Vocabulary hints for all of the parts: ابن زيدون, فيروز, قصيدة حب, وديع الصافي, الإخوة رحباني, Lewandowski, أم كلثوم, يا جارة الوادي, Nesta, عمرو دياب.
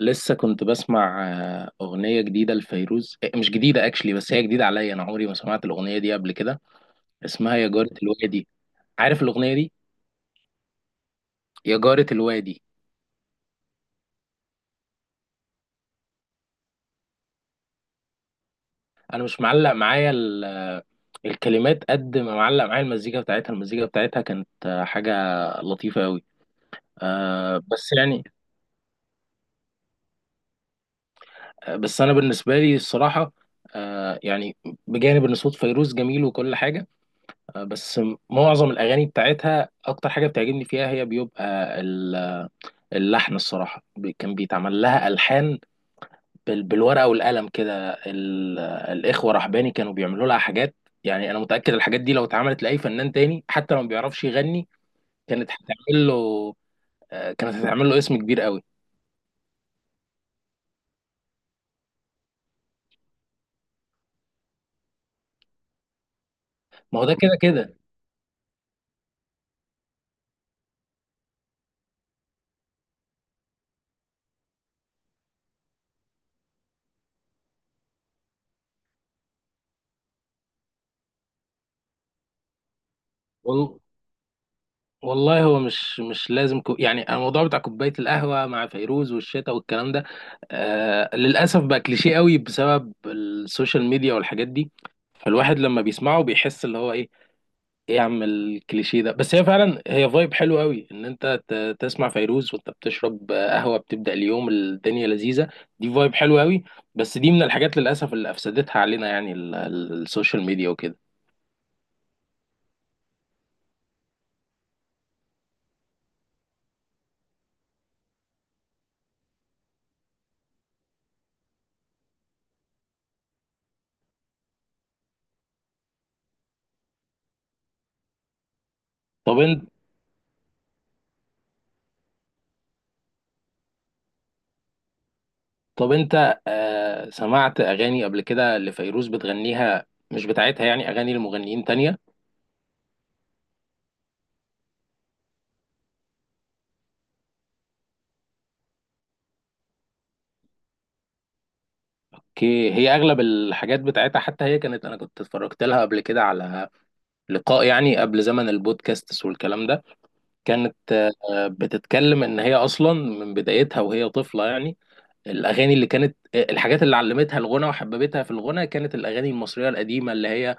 لسه كنت بسمع أغنية جديدة لفيروز، إيه، مش جديدة اكشلي بس هي جديدة عليا. أنا عمري ما سمعت الأغنية دي قبل كده، اسمها يا جارة الوادي. عارف الأغنية دي؟ يا جارة الوادي. أنا مش معلق معايا الكلمات قد ما معلق معايا المزيكا بتاعتها. المزيكا بتاعتها كانت حاجة لطيفة أوي. بس يعني. بس أنا بالنسبة لي الصراحة، يعني بجانب ان صوت فيروز جميل وكل حاجه، بس معظم الاغاني بتاعتها اكتر حاجه بتعجبني فيها هي بيبقى اللحن الصراحة. كان بيتعمل لها ألحان بالورقة والقلم كده. الإخوة رحباني كانوا بيعملوا لها حاجات. يعني أنا متأكد الحاجات دي لو اتعملت لأي فنان تاني، حتى لو ما بيعرفش يغني كانت هتعمل له، كانت هتعمل له اسم كبير قوي. ما هو ده كده كده. وال- والله هو مش لازم يعني الموضوع بتاع كوباية القهوة مع فيروز والشتا والكلام ده. للأسف بقى كليشيه قوي بسبب السوشيال ميديا والحاجات دي. فالواحد لما بيسمعه بيحس اللي هو ايه، ايه يا عم الكليشيه ده، بس هي فعلا هي فايب حلو قوي ان انت تسمع فيروز وانت بتشرب قهوه بتبدا اليوم، الدنيا لذيذه. دي فايب حلو قوي. بس دي من الحاجات للاسف اللي افسدتها علينا يعني السوشيال ميديا وكده. طب انت طب انت سمعت اغاني قبل كده لفيروز بتغنيها مش بتاعتها، يعني اغاني لمغنيين تانية؟ هي اغلب الحاجات بتاعتها، حتى هي كانت، انا كنت اتفرجت لها قبل كده على لقاء يعني قبل زمن البودكاست والكلام ده. كانت بتتكلم ان هي اصلا من بدايتها وهي طفله يعني الاغاني اللي كانت، الحاجات اللي علمتها الغنى وحببتها في الغنى كانت الاغاني المصريه القديمه، اللي هي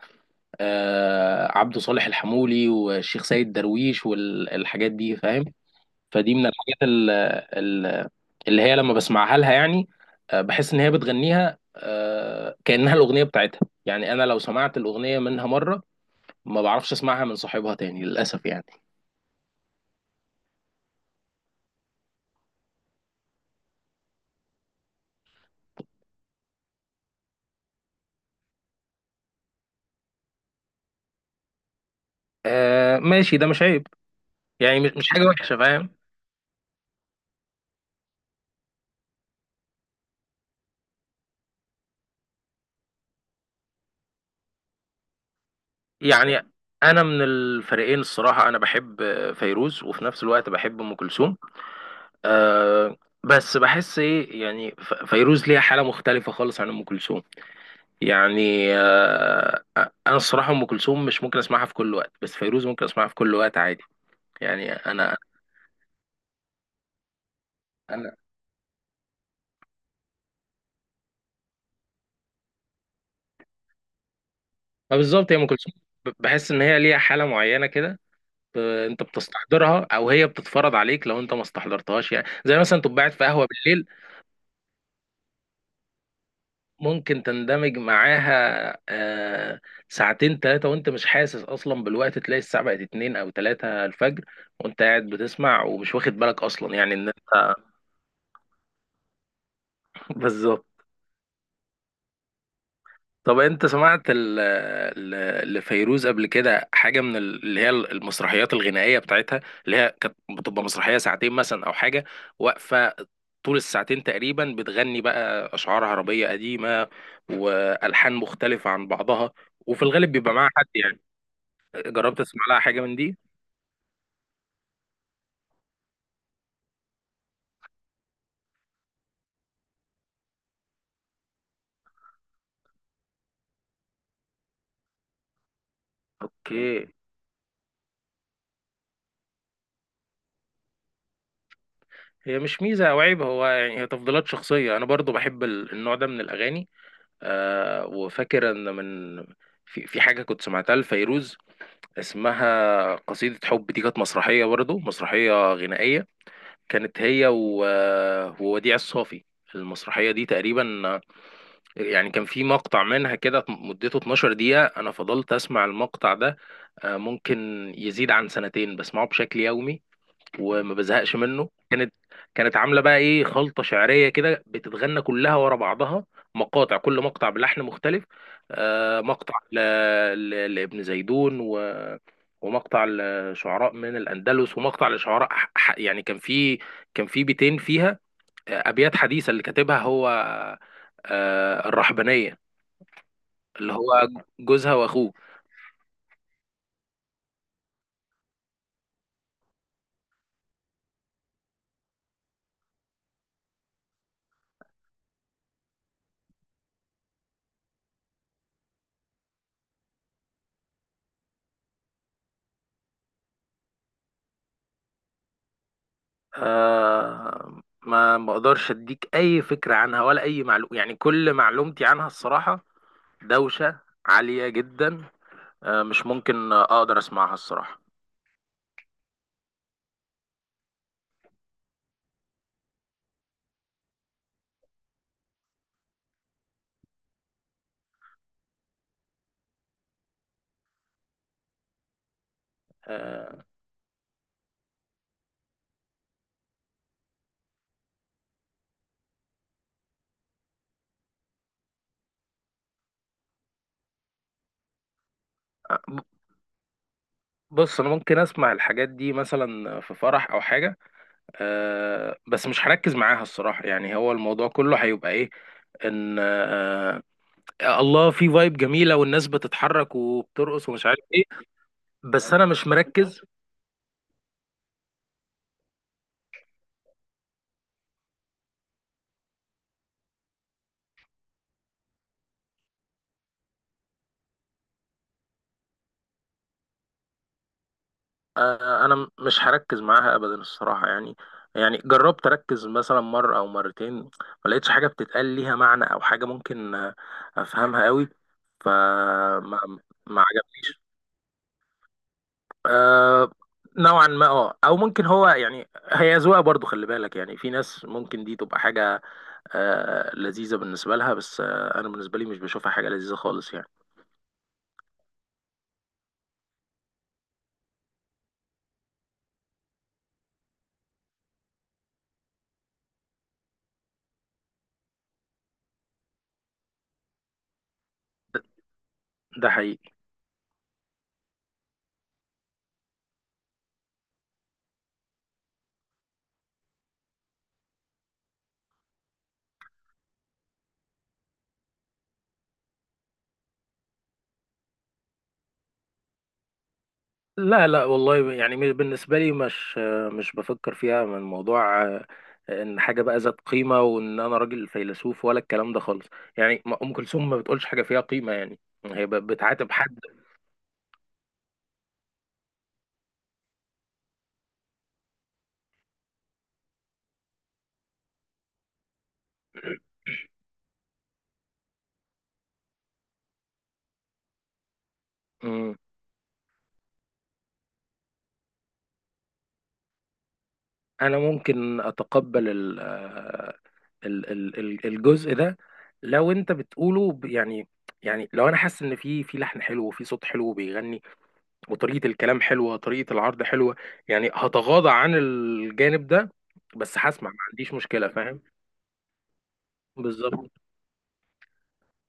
عبد صالح الحمولي والشيخ سيد درويش والحاجات دي، فاهم. فدي من الحاجات ال- اللي هي لما بسمعها لها يعني، بحس ان هي بتغنيها، كانها الاغنيه بتاعتها. يعني انا لو سمعت الاغنيه منها مره، ما بعرفش اسمعها من صاحبها تاني للاسف يعني. آه ماشي، ده مش عيب، يعني مش حاجة وحشة، فاهم. يعني أنا من الفريقين الصراحة، أنا بحب فيروز وفي نفس الوقت بحب أم كلثوم. أه، بس بحس إيه يعني فيروز ليها حالة مختلفة خالص عن أم كلثوم. يعني أه أنا الصراحة أم كلثوم مش ممكن أسمعها في كل وقت، بس فيروز ممكن أسمعها في كل وقت عادي. يعني أنا ما بالظبط هي أم كلثوم، بحس إن هي ليها حالة معينة كده. انت بتستحضرها او هي بتتفرض عليك لو انت ما استحضرتهاش، يعني زي مثلا تبقى قاعد في قهوه بالليل ممكن تندمج معاها آه، ساعتين ثلاثة وانت مش حاسس اصلا بالوقت. تلاقي الساعة بقت اتنين او تلاتة الفجر، وانت قاعد بتسمع ومش واخد بالك اصلا يعني ان. بالظبط. طب انت سمعت لفيروز قبل كده حاجة من اللي هي المسرحيات الغنائية بتاعتها، اللي هي كانت بتبقى مسرحية ساعتين مثلا او حاجة، واقفة طول الساعتين تقريبا بتغني بقى اشعار عربية قديمة والحان مختلفة عن بعضها، وفي الغالب بيبقى معاها حد، يعني جربت تسمع لها حاجة من دي؟ اوكي، هي مش ميزة او عيب، هو يعني هي تفضيلات شخصية، انا برضو بحب النوع ده من الاغاني. وفاكر ان من، في حاجة كنت سمعتها لفيروز اسمها قصيدة حب. دي كانت مسرحية برضو، مسرحية غنائية. كانت هي ووديع الصافي. المسرحية دي تقريبا، يعني كان في مقطع منها كده مدته 12 دقيقة. أنا فضلت أسمع المقطع ده، ممكن يزيد عن سنتين بسمعه بشكل يومي، وما بزهقش منه. كانت، كانت عامله بقى ايه خلطه شعريه كده بتتغنى كلها ورا بعضها، مقاطع كل مقطع بلحن مختلف. مقطع لابن زيدون، ومقطع لشعراء من الاندلس، ومقطع لشعراء يعني كان في بيتين فيها ابيات حديثه اللي كاتبها هو الرحبانيه، اللي هو جوزها واخوه. ما بقدرش اديك اي فكرة عنها ولا اي معلومة، يعني كل معلومتي عنها الصراحة دوشة عالية جدا. مش ممكن اقدر اسمعها الصراحة. آه بص انا ممكن اسمع الحاجات دي مثلا في فرح او حاجة، بس مش هركز معاها الصراحة. يعني هو الموضوع كله هيبقى ايه، ان الله في فايب جميلة والناس بتتحرك وبترقص ومش عارف ايه. بس انا مش مركز. انا مش هركز معاها ابدا الصراحه يعني جربت اركز مثلا مره او مرتين، ما لقيتش حاجه بتتقال ليها معنى او حاجه ممكن افهمها قوي. فما ما عجبنيش. آه، نوعا ما، او ممكن هو يعني هي ذوقها برضو، خلي بالك يعني في ناس ممكن دي تبقى حاجه لذيذه بالنسبه لها. بس انا بالنسبه لي مش بشوفها حاجه لذيذه خالص يعني. ده حقيقي. لا لا والله، يعني بالنسبة لي مش بفكر فيها من موضوع ان حاجة بقى ذات قيمة وان انا راجل فيلسوف ولا الكلام ده خالص. يعني ام كلثوم ما بتقولش حاجة فيها قيمة يعني، هي بتعاتب حد. مم. انا ممكن اتقبل ال آه، ال ال ال- الجزء ده، لو انت بتقوله يعني. لو انا حاسس ان في لحن حلو وفي صوت حلو بيغني، وطريقة الكلام حلوة، طريقة العرض حلوة، يعني هتغاضى عن الجانب ده، بس هسمع ما عنديش مشكلة، فاهم. بالظبط.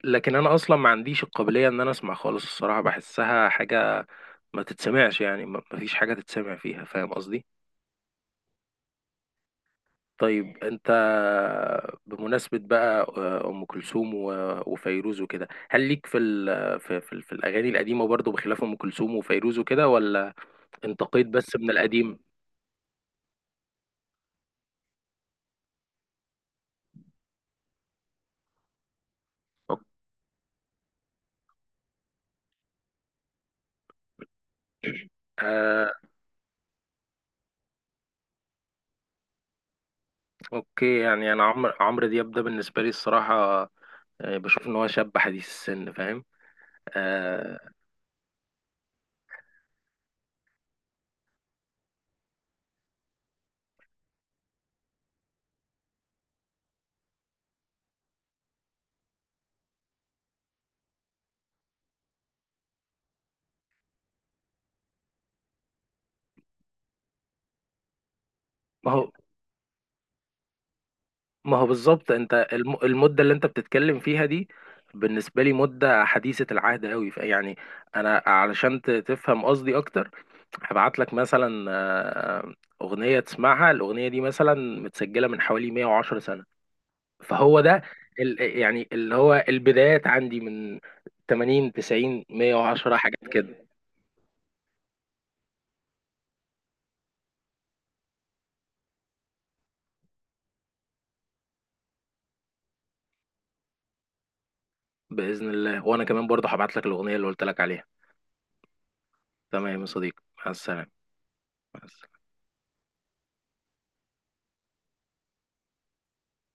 لكن انا اصلا ما عنديش القابلية ان انا اسمع خالص الصراحة، بحسها حاجة ما تتسمعش يعني، ما فيش حاجة تتسمع فيها، فاهم قصدي. طيب انت، بمناسبة بقى ام كلثوم وفيروز وكده، هل ليك في في الاغاني القديمة برضو بخلاف ام كلثوم وفيروز وكده، ولا انتقيت بس من القديم؟ اوكي يعني انا عمرو دياب ده بالنسبه لي الصراحه، بشوف ان هو شاب حديث السن، فاهم. آه ما هو ما هو بالظبط، انت المده اللي انت بتتكلم فيها دي بالنسبه لي مده حديثه العهد قوي يعني. انا علشان تفهم قصدي اكتر، هبعت لك مثلا اغنيه تسمعها. الاغنيه دي مثلا متسجله من حوالي 110 سنه. فهو ده يعني اللي هو البدايات عندي من 80 90 110 حاجات. بإذن الله. وأنا كمان برضه هبعت لك الأغنية اللي قلت لك عليها. تمام يا صديقي، مع السلامة. مع السلامة.